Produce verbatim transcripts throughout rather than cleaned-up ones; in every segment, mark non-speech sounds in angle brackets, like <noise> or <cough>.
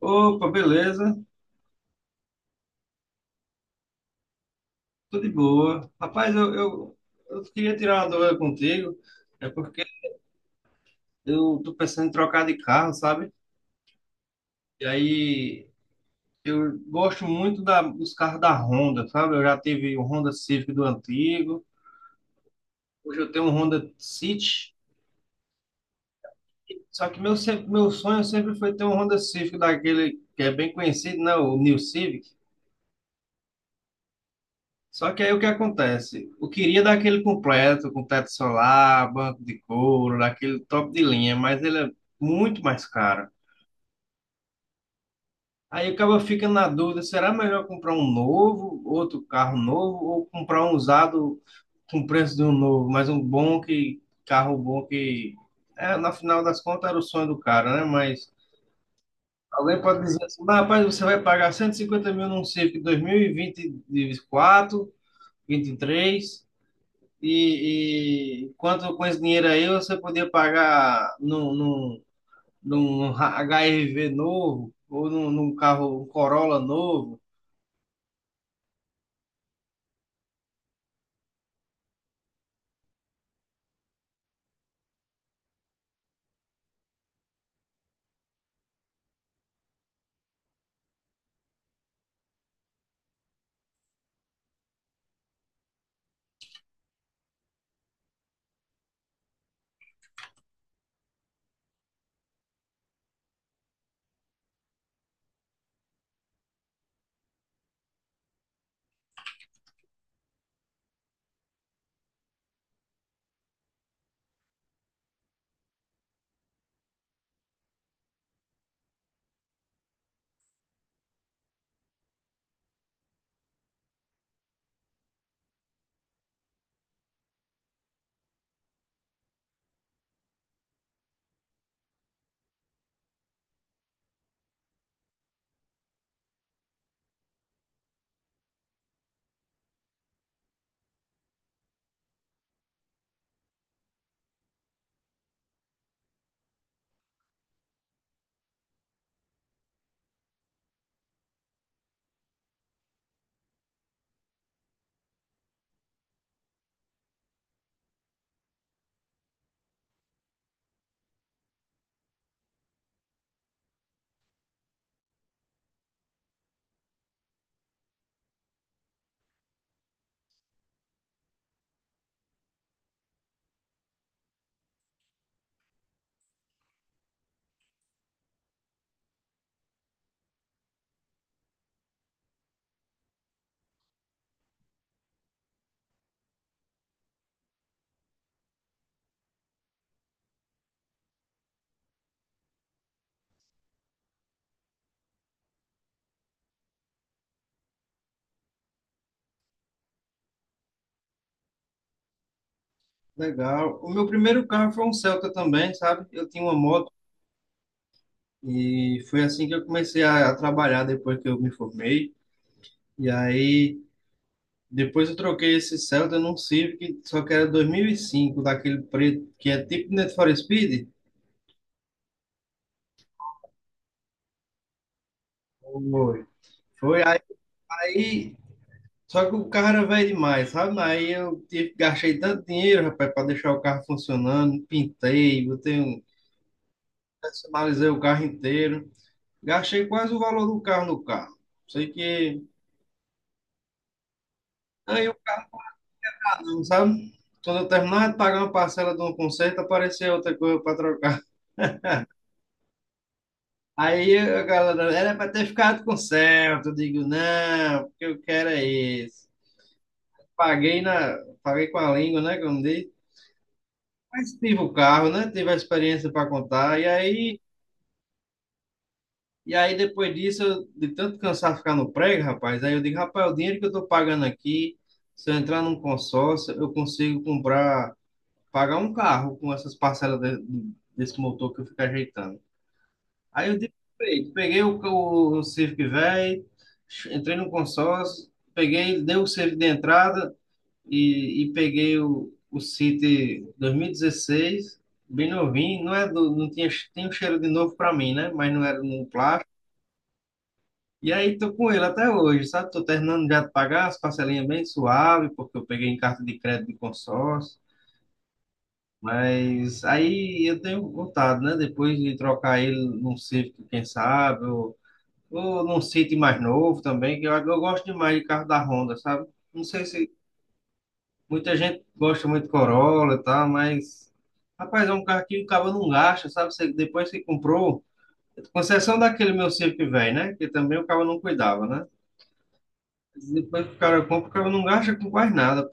Opa, beleza? Tudo de boa. Rapaz, eu, eu, eu queria tirar uma dúvida contigo, é porque eu tô pensando em trocar de carro, sabe? E aí eu gosto muito da, dos carros da Honda, sabe? Eu já tive o Honda Civic do antigo, hoje eu tenho um Honda City, só que meu, se- meu sonho sempre foi ter um Honda Civic daquele que é bem conhecido, né? O New Civic. Só que aí o que acontece? Eu queria dar aquele completo, com teto solar, banco de couro, daquele top de linha, mas ele é muito mais caro. Aí acaba ficando na dúvida, será melhor comprar um novo, outro carro novo, ou comprar um usado com preço de um novo, mas um bom que, carro bom que, é, na final das contas era o sonho do cara, né? Mas alguém pode dizer assim: "Mas, rapaz, você vai pagar cento e cinquenta mil num Civic dois mil e vinte e quatro, vinte e três. E, e quanto com esse dinheiro aí você podia pagar num, num, num H R V novo ou num, num carro, um Corolla novo." Legal. O meu primeiro carro foi um Celta também, sabe? Eu tinha uma moto e foi assim que eu comecei a, a trabalhar depois que eu me formei. E aí depois eu troquei esse Celta num Civic, só que era dois mil e cinco, daquele preto que é tipo Need for Speed. Foi. Foi aí. Só que o carro era velho demais, sabe? Aí eu tive- gastei tanto dinheiro, rapaz, para deixar o carro funcionando, pintei, botei um, personalizei o carro inteiro. Gastei quase o valor do carro no carro. Sei que aí o carro, sabe? Quando eu terminava de pagar uma parcela de um conserto, aparecia outra coisa para trocar. Aí a galera, era para ter ficado com o certo. Eu digo, não, o que eu quero é isso. Paguei na, Paguei com a língua, né, como diz. Mas tive o carro, né? Tive a experiência para contar. E aí E aí, depois disso, eu, de tanto cansar de ficar no prego, rapaz, aí eu digo, rapaz, o dinheiro que eu tô pagando aqui, se eu entrar num consórcio, eu consigo comprar, pagar um carro com essas parcelas de- desse motor que eu fico ajeitando. Aí eu digo: "Ei, peguei o, o, o Civic velho, entrei no consórcio, peguei, dei o Civic de entrada e, e peguei o, o City dois mil e dezesseis, bem novinho, não é do, não tinha, tem um cheiro de novo para mim, né? Mas não era no plástico e aí tô com ele até hoje, sabe? Tô terminando já de pagar as parcelinhas bem suave, porque eu peguei em carta de crédito de consórcio. Mas aí eu tenho vontade, né? Depois de trocar ele num Civic, quem sabe, ou, ou num City mais novo também, que eu, eu gosto demais de carro da Honda, sabe? Não sei se muita gente gosta muito de Corolla e tal, mas... Rapaz, é um carro que o cabo não gasta, sabe? Você, depois que comprou, com exceção daquele meu Civic velho, né? Que também o cabo não cuidava, né? Depois que o cara compra, o cara não gasta com quase nada.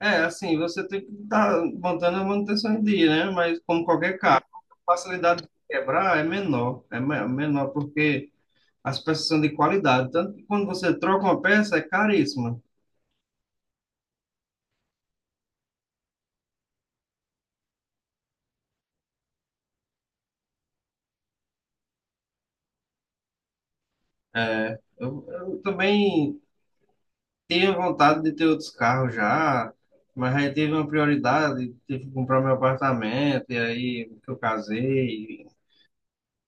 É, assim, você tem que estar botando a manutenção em dia, né? Mas como qualquer carro, a facilidade de quebrar é menor, é me- menor porque as peças são de qualidade. Tanto que quando você troca uma peça, é caríssima. É, eu, eu também tenho vontade de ter outros carros já, mas aí teve uma prioridade, tive que comprar meu apartamento, e aí que eu casei.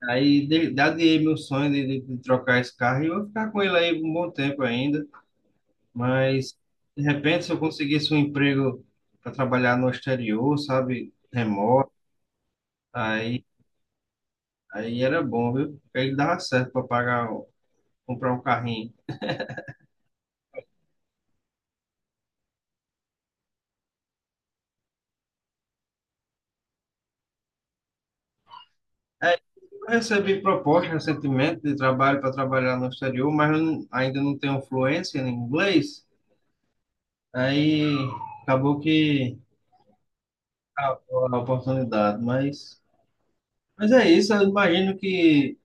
Aí de- daria meu sonho de, de- de trocar esse carro e eu vou ficar com ele aí um bom tempo ainda. Mas de repente, se eu conseguisse um emprego para trabalhar no exterior, sabe, remoto, aí, aí era bom, viu? Porque ele dava certo para pagar, o- comprar um carrinho. É, eu recebi proposta recentemente de trabalho para trabalhar no exterior, mas eu não- ainda não tenho fluência em inglês. Aí acabou que acabou a oportunidade, mas, mas é isso. Eu imagino que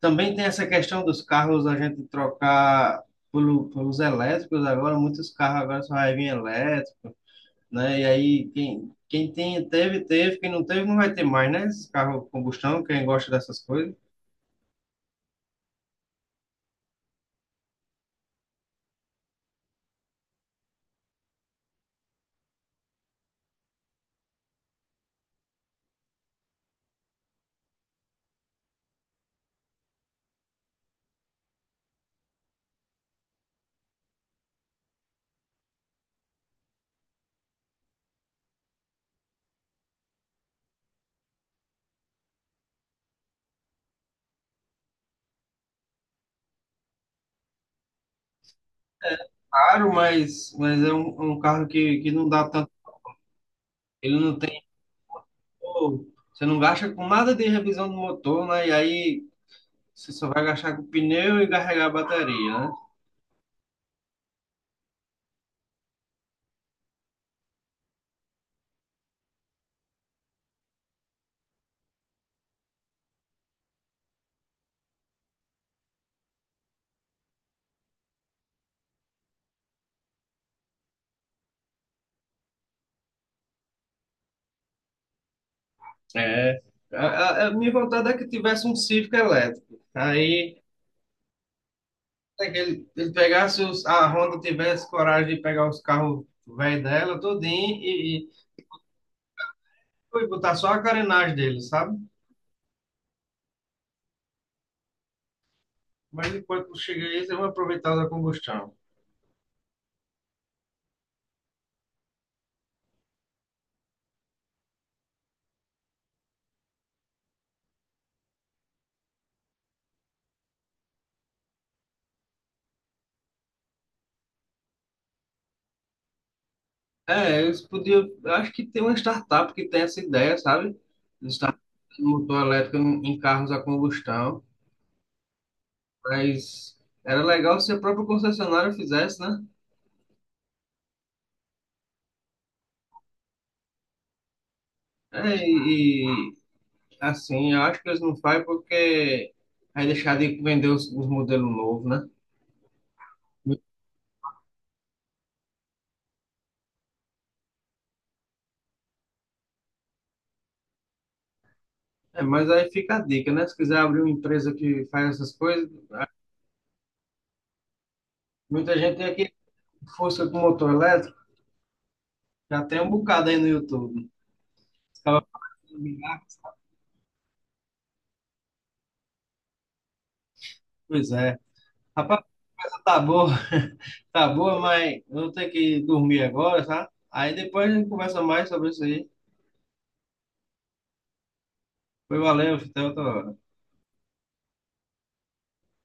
também tem essa questão dos carros a gente trocar pelo, pelos elétricos agora, muitos carros agora só vai vir elétrico, né? E aí quem, quem tem, teve, teve, quem não teve não vai ter mais, né? Esse carro combustão, quem gosta dessas coisas. Claro, mas, mas é um, é um carro que, que não dá tanto, ele não tem, pô, você não gasta com nada de revisão do motor, né? E aí você só vai gastar com pneu e carregar a bateria, né? É. A, a, a minha vontade é que tivesse um Civic elétrico. Aí é que ele, ele pegasse os, a Honda tivesse coragem de pegar os carros velhos dela, tudinho, e, e, e botar só a carenagem dele, sabe? Mas enquanto chega aí, eles vão aproveitar da combustão. É, eles podiam. Eu acho que tem uma startup que tem essa ideia, sabe? Startup de motor elétrico em, em carros a combustão. Mas era legal se a própria concessionária fizesse, né? É, e, e, assim, eu acho que eles não fazem porque vai deixar de vender os, os modelos novos, né? É, mas aí fica a dica, né? Se quiser abrir uma empresa que faz essas coisas, muita gente tem aqui força com motor elétrico, já tem um bocado aí no YouTube. Os caras falam, pois é. Rapaz, a coisa tá boa, <laughs> tá boa, mas eu vou ter que dormir agora, tá? Aí depois a gente conversa mais sobre isso aí. Foi, valeu, até outra hora.